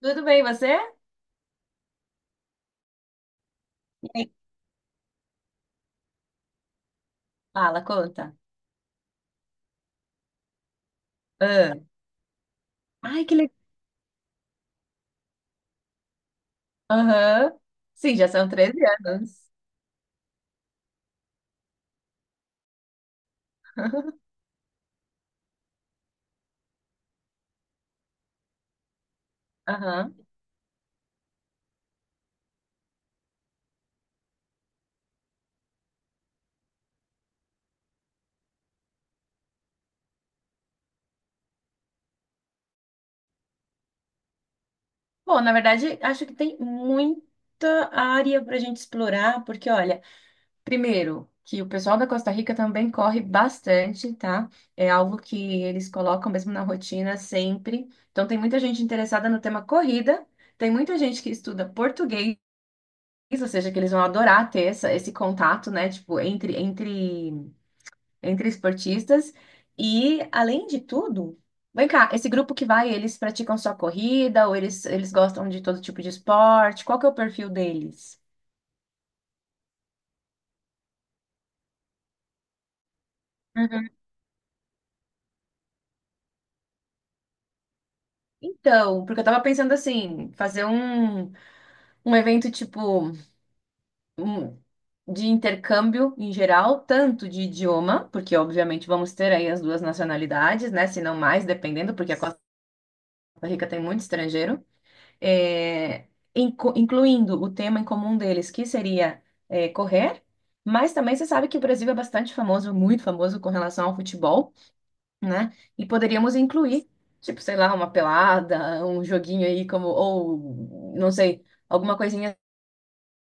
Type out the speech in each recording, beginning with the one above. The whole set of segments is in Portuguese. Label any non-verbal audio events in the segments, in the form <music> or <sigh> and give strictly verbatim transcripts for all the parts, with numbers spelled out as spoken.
Tudo bem, você? E aí? Fala, conta. Ah, ai, que legal. Aham. Sim, já são treze anos. Aham. Bom, na verdade, acho que tem muita área para a gente explorar, porque, olha, primeiro, que o pessoal da Costa Rica também corre bastante, tá? É algo que eles colocam mesmo na rotina sempre. Então, tem muita gente interessada no tema corrida, tem muita gente que estuda português, ou seja, que eles vão adorar ter essa, esse contato, né? Tipo, entre, entre entre esportistas. E, além de tudo, vem cá, esse grupo que vai, eles praticam só corrida ou eles, eles gostam de todo tipo de esporte? Qual que é o perfil deles? Uhum. Então, porque eu tava pensando assim, fazer um, um evento tipo um- de intercâmbio em geral, tanto de idioma, porque obviamente vamos ter aí as duas nacionalidades, né? Se não mais, dependendo, porque a Costa Rica tem muito estrangeiro. é, incu- Incluindo o tema em comum deles, que seria é, correr, mas também você sabe que o Brasil é bastante famoso, muito famoso com relação ao futebol, né? E poderíamos incluir, tipo, sei lá, uma pelada, um joguinho aí como, ou, não sei, alguma coisinha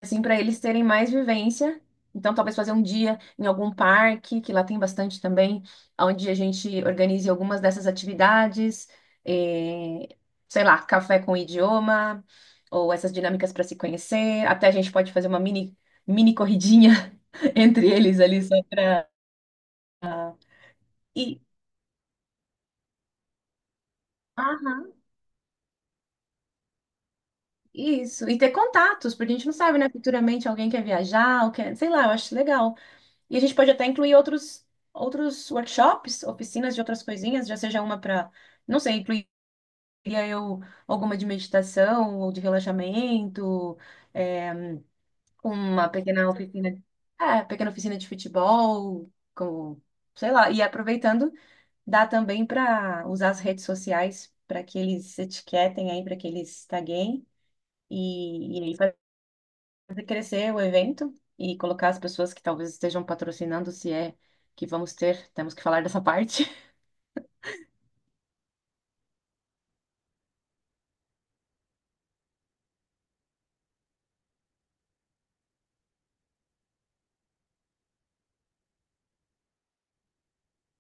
assim, para eles terem mais vivência. Então, talvez fazer um dia em algum parque, que lá tem bastante também, onde a gente organize algumas dessas atividades, eh, sei lá, café com idioma, ou essas dinâmicas para se conhecer. Até a gente pode fazer uma mini, mini corridinha <laughs> entre eles ali, só para. E, aham, isso, e ter contatos, porque a gente não sabe, né? Futuramente alguém quer viajar, ou quer, sei lá, eu acho legal. E a gente pode até incluir outros, outros workshops, oficinas de outras coisinhas, já seja uma para, não sei, incluiria eu alguma de meditação ou de relaxamento, é, uma pequena oficina, é, pequena oficina de futebol, com, sei lá, e aproveitando, dá também para usar as redes sociais para que eles etiquetem aí, para que eles taguem. E, e aí fazer crescer o evento e colocar as pessoas que talvez estejam patrocinando, se é que vamos ter, temos que falar dessa parte.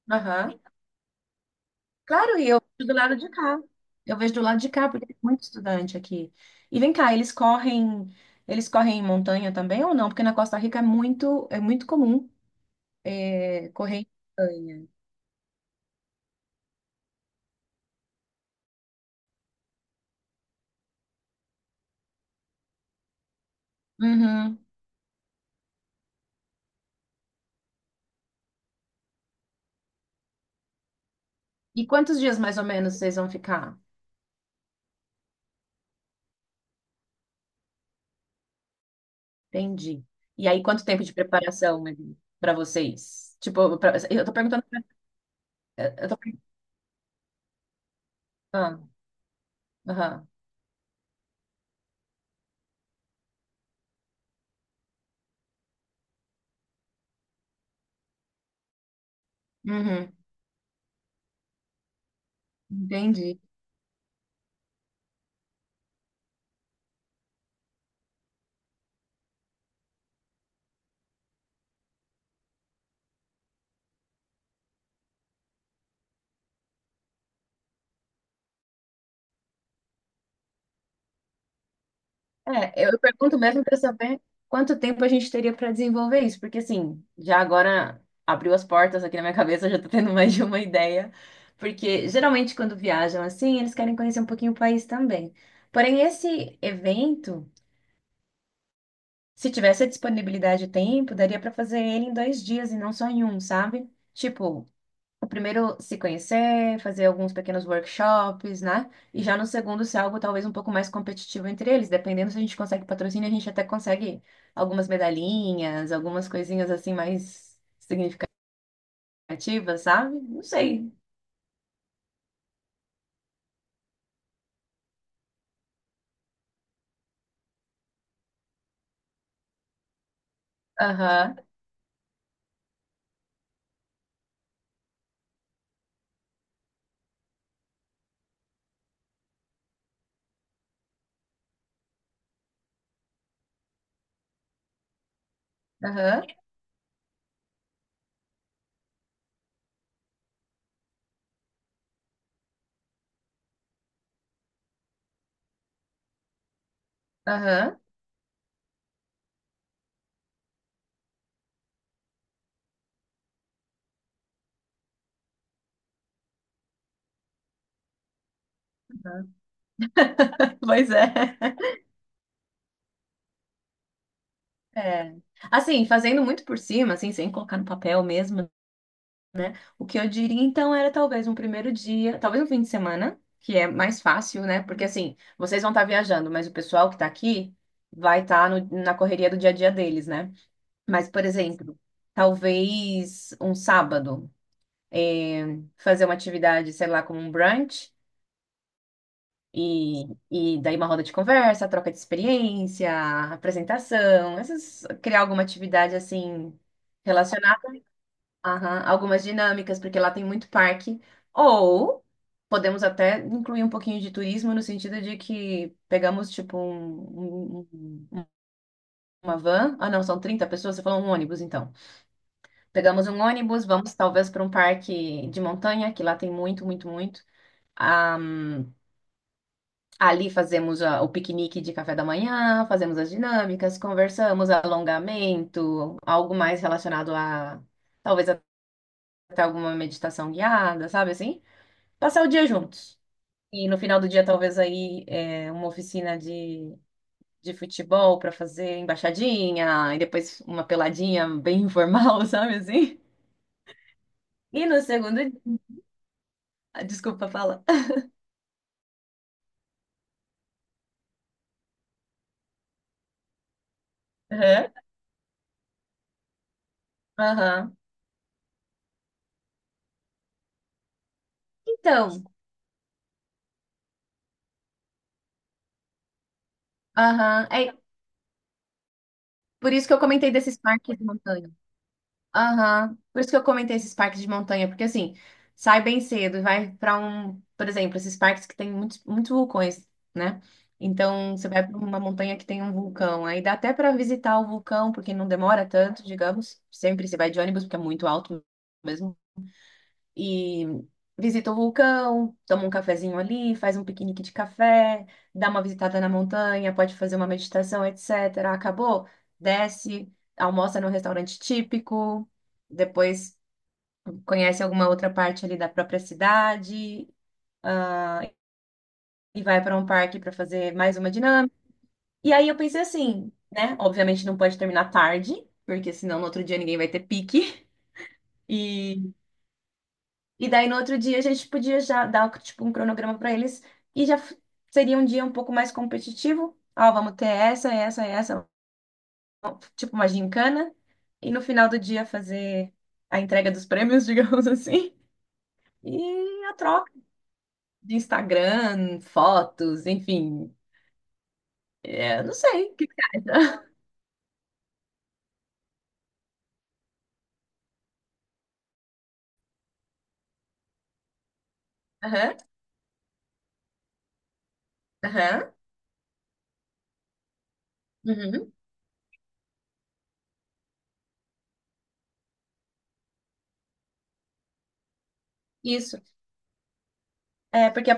<laughs> Aham. Claro, e eu vejo do lado de cá. Eu vejo do lado de cá, porque tem muito estudante aqui. E vem cá, eles correm, eles correm em montanha também ou não? Porque na Costa Rica é muito, é muito comum é, correr em montanha. Uhum. E quantos dias mais ou menos vocês vão ficar? Entendi. E aí, quanto tempo de preparação para vocês? Tipo, pra- eu tô perguntando para. Uhum, entendi. É, eu pergunto mesmo para saber quanto tempo a gente teria para desenvolver isso, porque assim, já agora abriu as portas aqui na minha <laughs> cabeça, já tô tendo mais de uma ideia, porque geralmente quando viajam assim, eles querem conhecer um pouquinho o país também. Porém, esse evento, se tivesse a disponibilidade de tempo, daria para fazer ele em dois dias e não só em um, sabe? Tipo, primeiro se conhecer, fazer alguns pequenos workshops, né? E já no segundo ser algo talvez um pouco mais competitivo entre eles, dependendo se a gente consegue patrocínio, a gente até consegue algumas medalhinhas, algumas coisinhas assim mais significativas, sabe? Não sei. Aham, aham, aham. Aham. <laughs> Pois é. É. Assim, fazendo muito por cima, assim, sem colocar no papel mesmo, o que eu diria então era talvez um primeiro dia, talvez um fim de semana, que é mais fácil, né? Porque assim, vocês vão estar viajando, mas o pessoal que está aqui vai estar na correria do dia a dia deles, né? Mas, por exemplo, talvez um sábado, é, fazer uma atividade, sei lá, como um brunch, e, e daí uma roda de conversa, troca de experiência, apresentação, essas, criar alguma atividade assim. Aham, algumas dinâmicas, porque lá tem muito parque. Ou podemos até incluir um pouquinho de turismo no sentido de que pegamos tipo um, um- um- uma van. Ah, não, são trinta pessoas, você falou um ônibus, então. Pegamos um ônibus, vamos talvez para um parque de montanha, que lá tem muito, muito, muito. Ah, ali fazemos a- o piquenique de café da manhã, fazemos as dinâmicas, conversamos, alongamento, algo mais relacionado a talvez até alguma meditação guiada, sabe assim? Passar o dia juntos. E no final do dia, talvez aí é, uma oficina de, de futebol para fazer embaixadinha, e depois uma peladinha bem informal, <laughs> sabe assim? E no segundo. Ah, desculpa, fala. Aham. Aham. Então, aham. É por isso que eu comentei desses parques de montanha. Aham. Por isso que eu comentei esses parques de montanha, porque assim, sai bem cedo, e vai pra um, por exemplo, esses parques que tem muitos, muitos vulcões, né? Então, você vai pra uma montanha que tem um vulcão, aí dá até pra visitar o vulcão, porque não demora tanto, digamos. Sempre você vai de ônibus, porque é muito alto mesmo e visita o vulcão, toma um cafezinho ali, faz um piquenique de café, dá uma visitada na montanha, pode fazer uma meditação, et cetera. Acabou, desce, almoça no restaurante típico, depois conhece alguma outra parte ali da própria cidade, ah, e vai para um parque para fazer mais uma dinâmica. E aí eu pensei assim, né? Obviamente não pode terminar tarde. Porque senão no outro dia ninguém vai ter pique. <laughs> e E daí no outro dia a gente podia já dar tipo um cronograma para eles e já f- seria um dia um pouco mais competitivo. Ó, vamos ter essa, essa, essa, tipo uma gincana. E no final do dia fazer a entrega dos prêmios, <laughs> digamos assim. E a troca de Instagram, fotos, enfim. É, não sei, o que que você acha? Aham, aham. Uhum. Isso. É, porque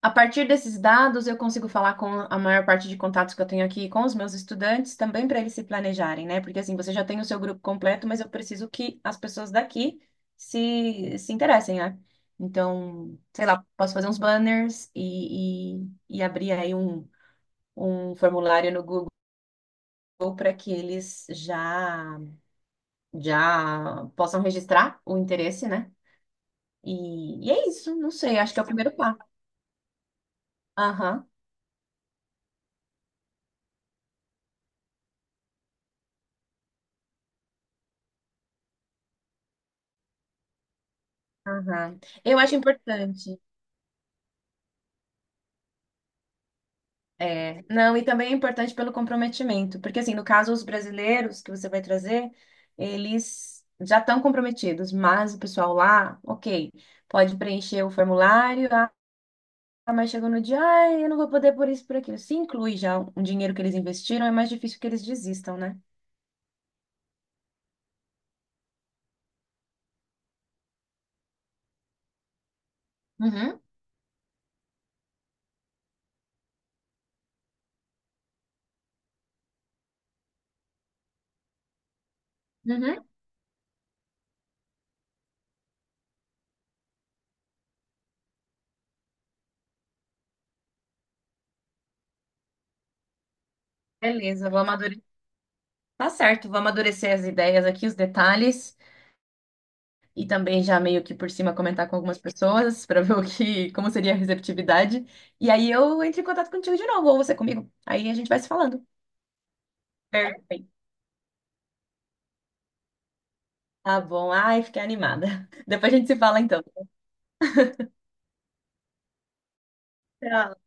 A partir desses dados, eu consigo falar com a maior parte de contatos que eu tenho aqui com os meus estudantes, também para eles se planejarem, né? Porque assim, você já tem o seu grupo completo, mas eu preciso que as pessoas daqui se, se interessem, né? Então, sei lá, posso fazer uns banners e, e, e abrir aí um, um formulário no Google para que eles já, já possam registrar o interesse, né? E, e é isso, não sei, acho que é o primeiro passo. Aham, aham. Eu acho importante. É, não, e também é importante pelo comprometimento, porque assim, no caso, os brasileiros que você vai trazer, eles já estão comprometidos, mas o pessoal lá, ok, pode preencher o formulário, ah, mas chegou no dia, ai, eu não vou poder por isso, por aquilo. Se inclui já um dinheiro que eles investiram, é mais difícil que eles desistam, né? Uhum, uhum. Beleza, vou amadurecer. Tá certo, vou amadurecer as ideias aqui, os detalhes, e também já meio que por cima comentar com algumas pessoas para ver o que, como seria a receptividade. E aí eu entro em contato contigo de novo, ou você comigo. Aí a gente vai se falando. Perfeito. Tá bom. Ai, fiquei animada. <laughs> Depois a gente se fala então. Tchau.